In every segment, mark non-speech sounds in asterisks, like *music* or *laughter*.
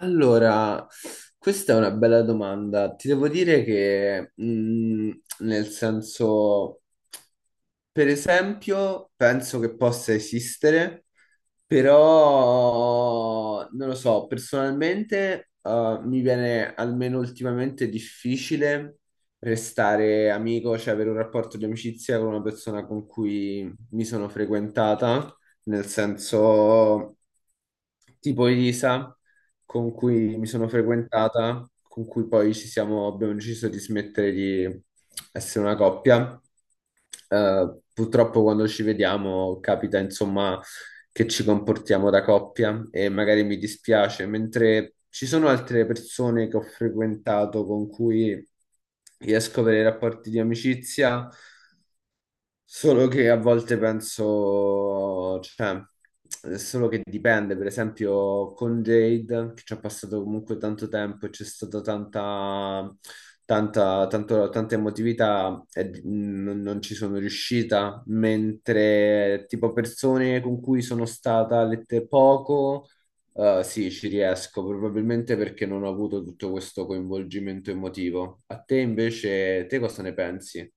Allora, questa è una bella domanda. Ti devo dire che, nel senso, per esempio, penso che possa esistere. Però non lo so, personalmente mi viene almeno ultimamente difficile restare amico, cioè avere un rapporto di amicizia con una persona con cui mi sono frequentata, nel senso tipo Elisa, con cui mi sono frequentata, con cui poi ci siamo, abbiamo deciso di smettere di essere una coppia. Purtroppo quando ci vediamo capita insomma che ci comportiamo da coppia e magari mi dispiace, mentre ci sono altre persone che ho frequentato con cui riesco a avere rapporti di amicizia. Solo che a volte penso, cioè, è solo che dipende, per esempio con Jade, che ci ha passato comunque tanto tempo e c'è stata tanta emotività e non ci sono riuscita, mentre tipo persone con cui sono stata lette poco, sì, ci riesco, probabilmente perché non ho avuto tutto questo coinvolgimento emotivo. A te invece, te cosa ne pensi?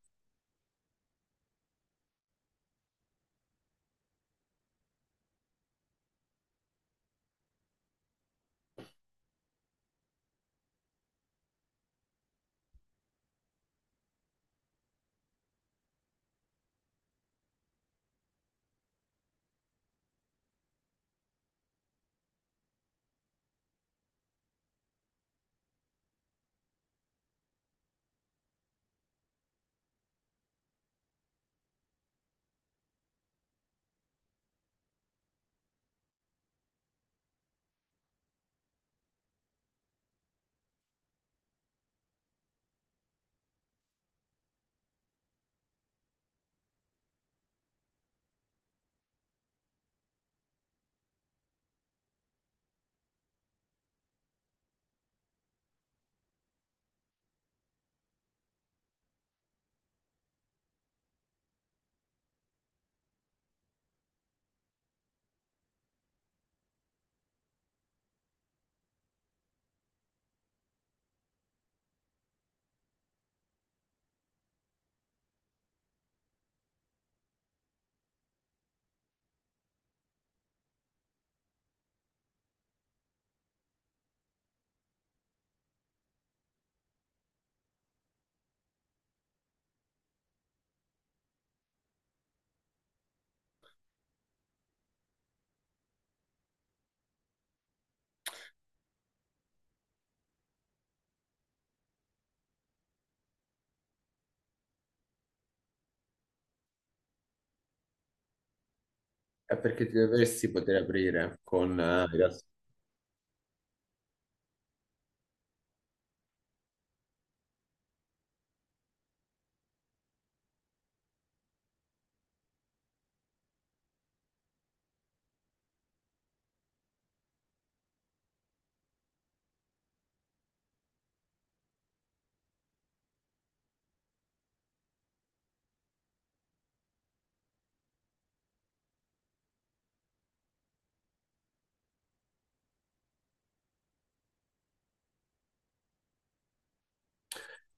È perché ti dovresti poter aprire con i gas.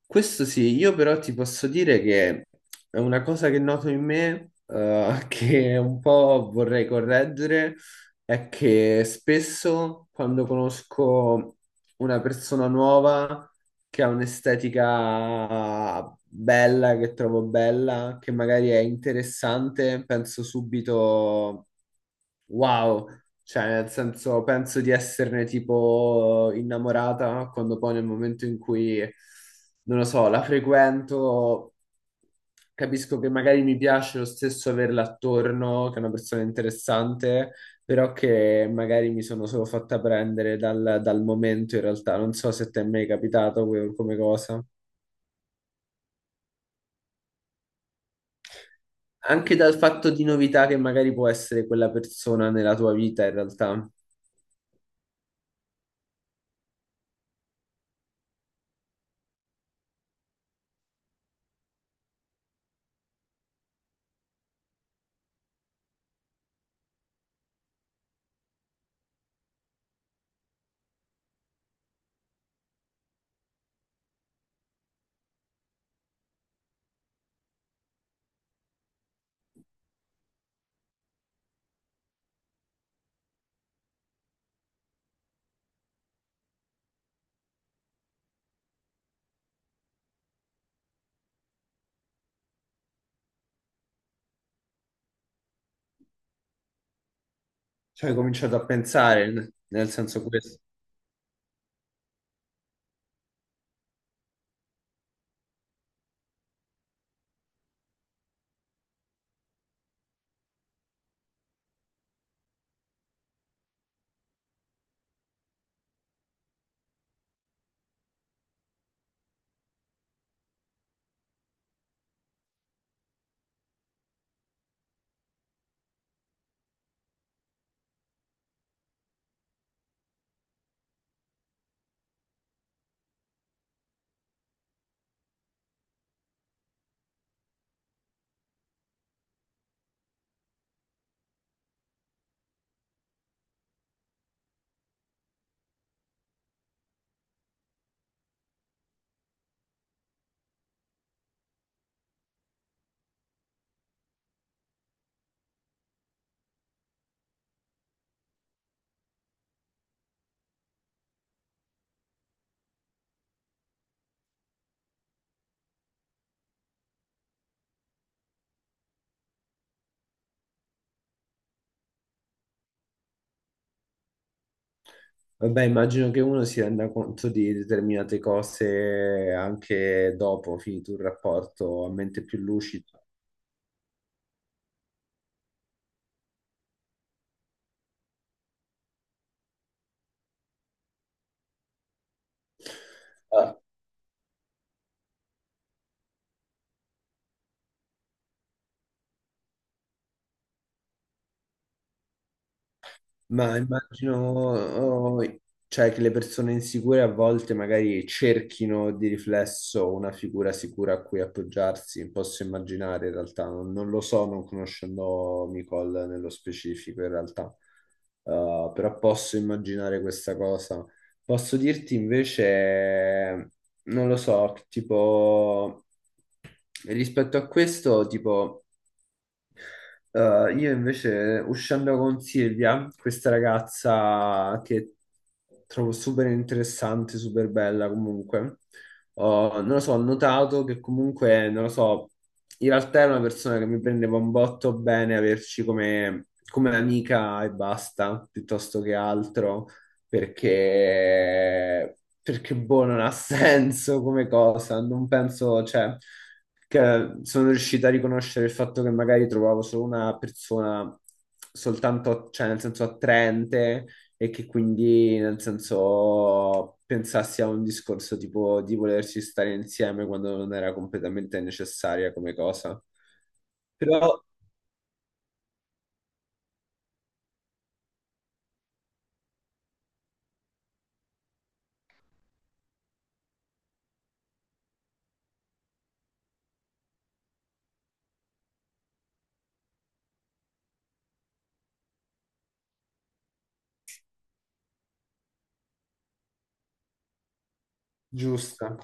Questo sì, io però ti posso dire che è una cosa che noto in me, *laughs* che un po' vorrei correggere, è che spesso quando conosco una persona nuova che ha un'estetica bella, che trovo bella, che magari è interessante, penso subito wow, cioè nel senso penso di esserne tipo innamorata, quando poi nel momento in cui, non lo so, la frequento, capisco che magari mi piace lo stesso averla attorno, che è una persona interessante, però che magari mi sono solo fatta prendere dal momento in realtà. Non so se ti è mai capitato come cosa. Anche dal fatto di novità che magari può essere quella persona nella tua vita in realtà. Cioè, hai cominciato a pensare, nel senso questo. Vabbè, immagino che uno si renda conto di determinate cose anche dopo, finito il rapporto, a mente più lucida. Ma immagino, oh, cioè, che le persone insicure a volte magari cerchino di riflesso una figura sicura a cui appoggiarsi, posso immaginare in realtà, non lo so, non conoscendo Nicole nello specifico in realtà. Però posso immaginare questa cosa. Posso dirti invece, non lo so, tipo, rispetto a questo, tipo... io invece uscendo con Silvia, questa ragazza che trovo super interessante, super bella comunque, non lo so, ho notato che comunque, non lo so, in realtà è una persona che mi prendeva un botto bene averci come amica e basta, piuttosto che altro, perché boh, non ha *laughs* senso come cosa, non penso, cioè, che sono riuscito a riconoscere il fatto che magari trovavo solo una persona soltanto, cioè, nel senso attraente, e che quindi, nel senso, pensassi a un discorso tipo di volersi stare insieme quando non era completamente necessaria come cosa. Però giusta.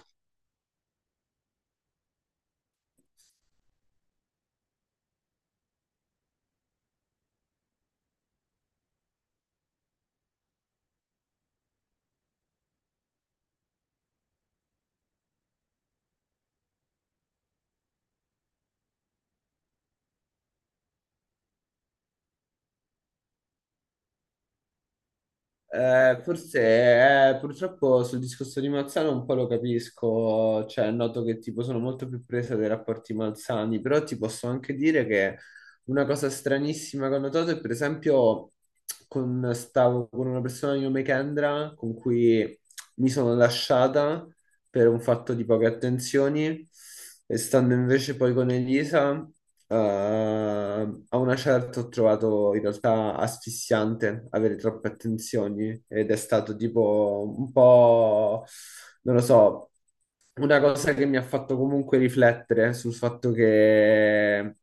Forse purtroppo sul discorso di Malzano un po' lo capisco, cioè noto che tipo sono molto più presa dai rapporti malsani, però ti posso anche dire che una cosa stranissima che ho notato è per esempio con, stavo con una persona di nome Kendra con cui mi sono lasciata per un fatto di poche attenzioni, e stando invece poi con Elisa, a una certa ho trovato in realtà asfissiante avere troppe attenzioni ed è stato tipo un po', non lo so, una cosa che mi ha fatto comunque riflettere sul fatto che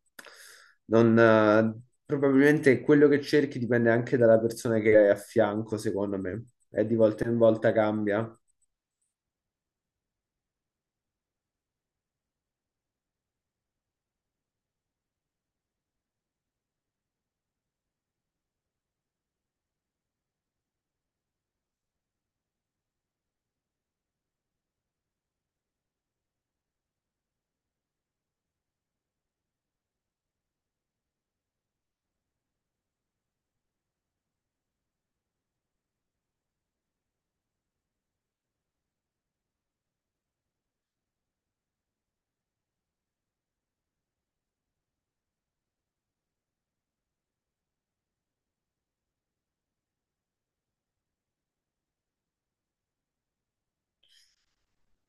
non... probabilmente quello che cerchi dipende anche dalla persona che hai a fianco, secondo me, e di volta in volta cambia.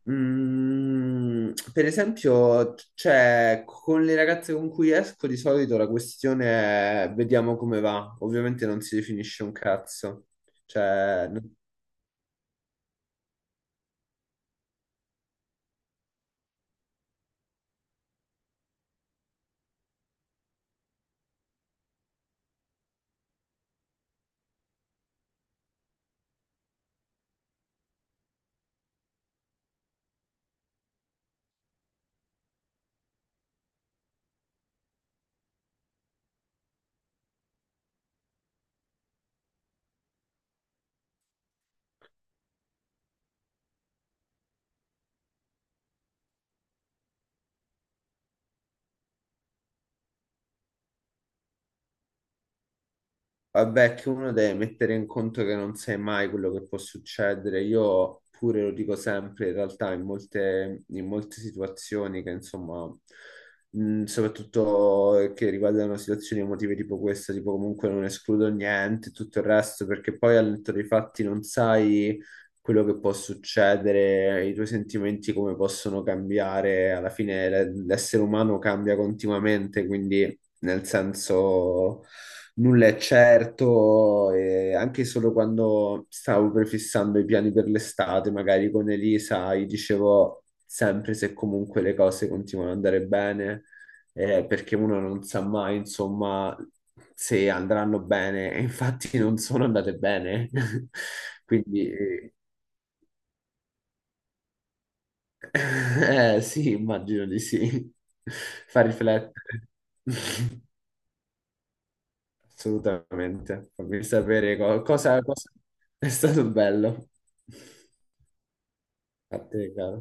Mm, per esempio, cioè, con le ragazze con cui esco di solito la questione è vediamo come va. Ovviamente non si definisce un cazzo. Cioè, vabbè, che uno deve mettere in conto che non sai mai quello che può succedere. Io pure lo dico sempre, in realtà, in molte situazioni che, insomma, soprattutto che riguardano situazioni emotive tipo questa, tipo comunque non escludo niente, tutto il resto, perché poi al netto dei fatti non sai quello che può succedere, i tuoi sentimenti come possono cambiare. Alla fine l'essere umano cambia continuamente, quindi nel senso nulla è certo, e anche solo quando stavo prefissando i piani per l'estate, magari con Elisa, gli dicevo sempre se comunque le cose continuano ad andare bene, perché uno non sa mai, insomma, se andranno bene, e infatti non sono andate bene. *laughs* Quindi, *laughs* sì, immagino di sì. *laughs* Fa riflettere. *laughs* Assolutamente, fammi sapere cosa, cosa è stato bello. A te, caro.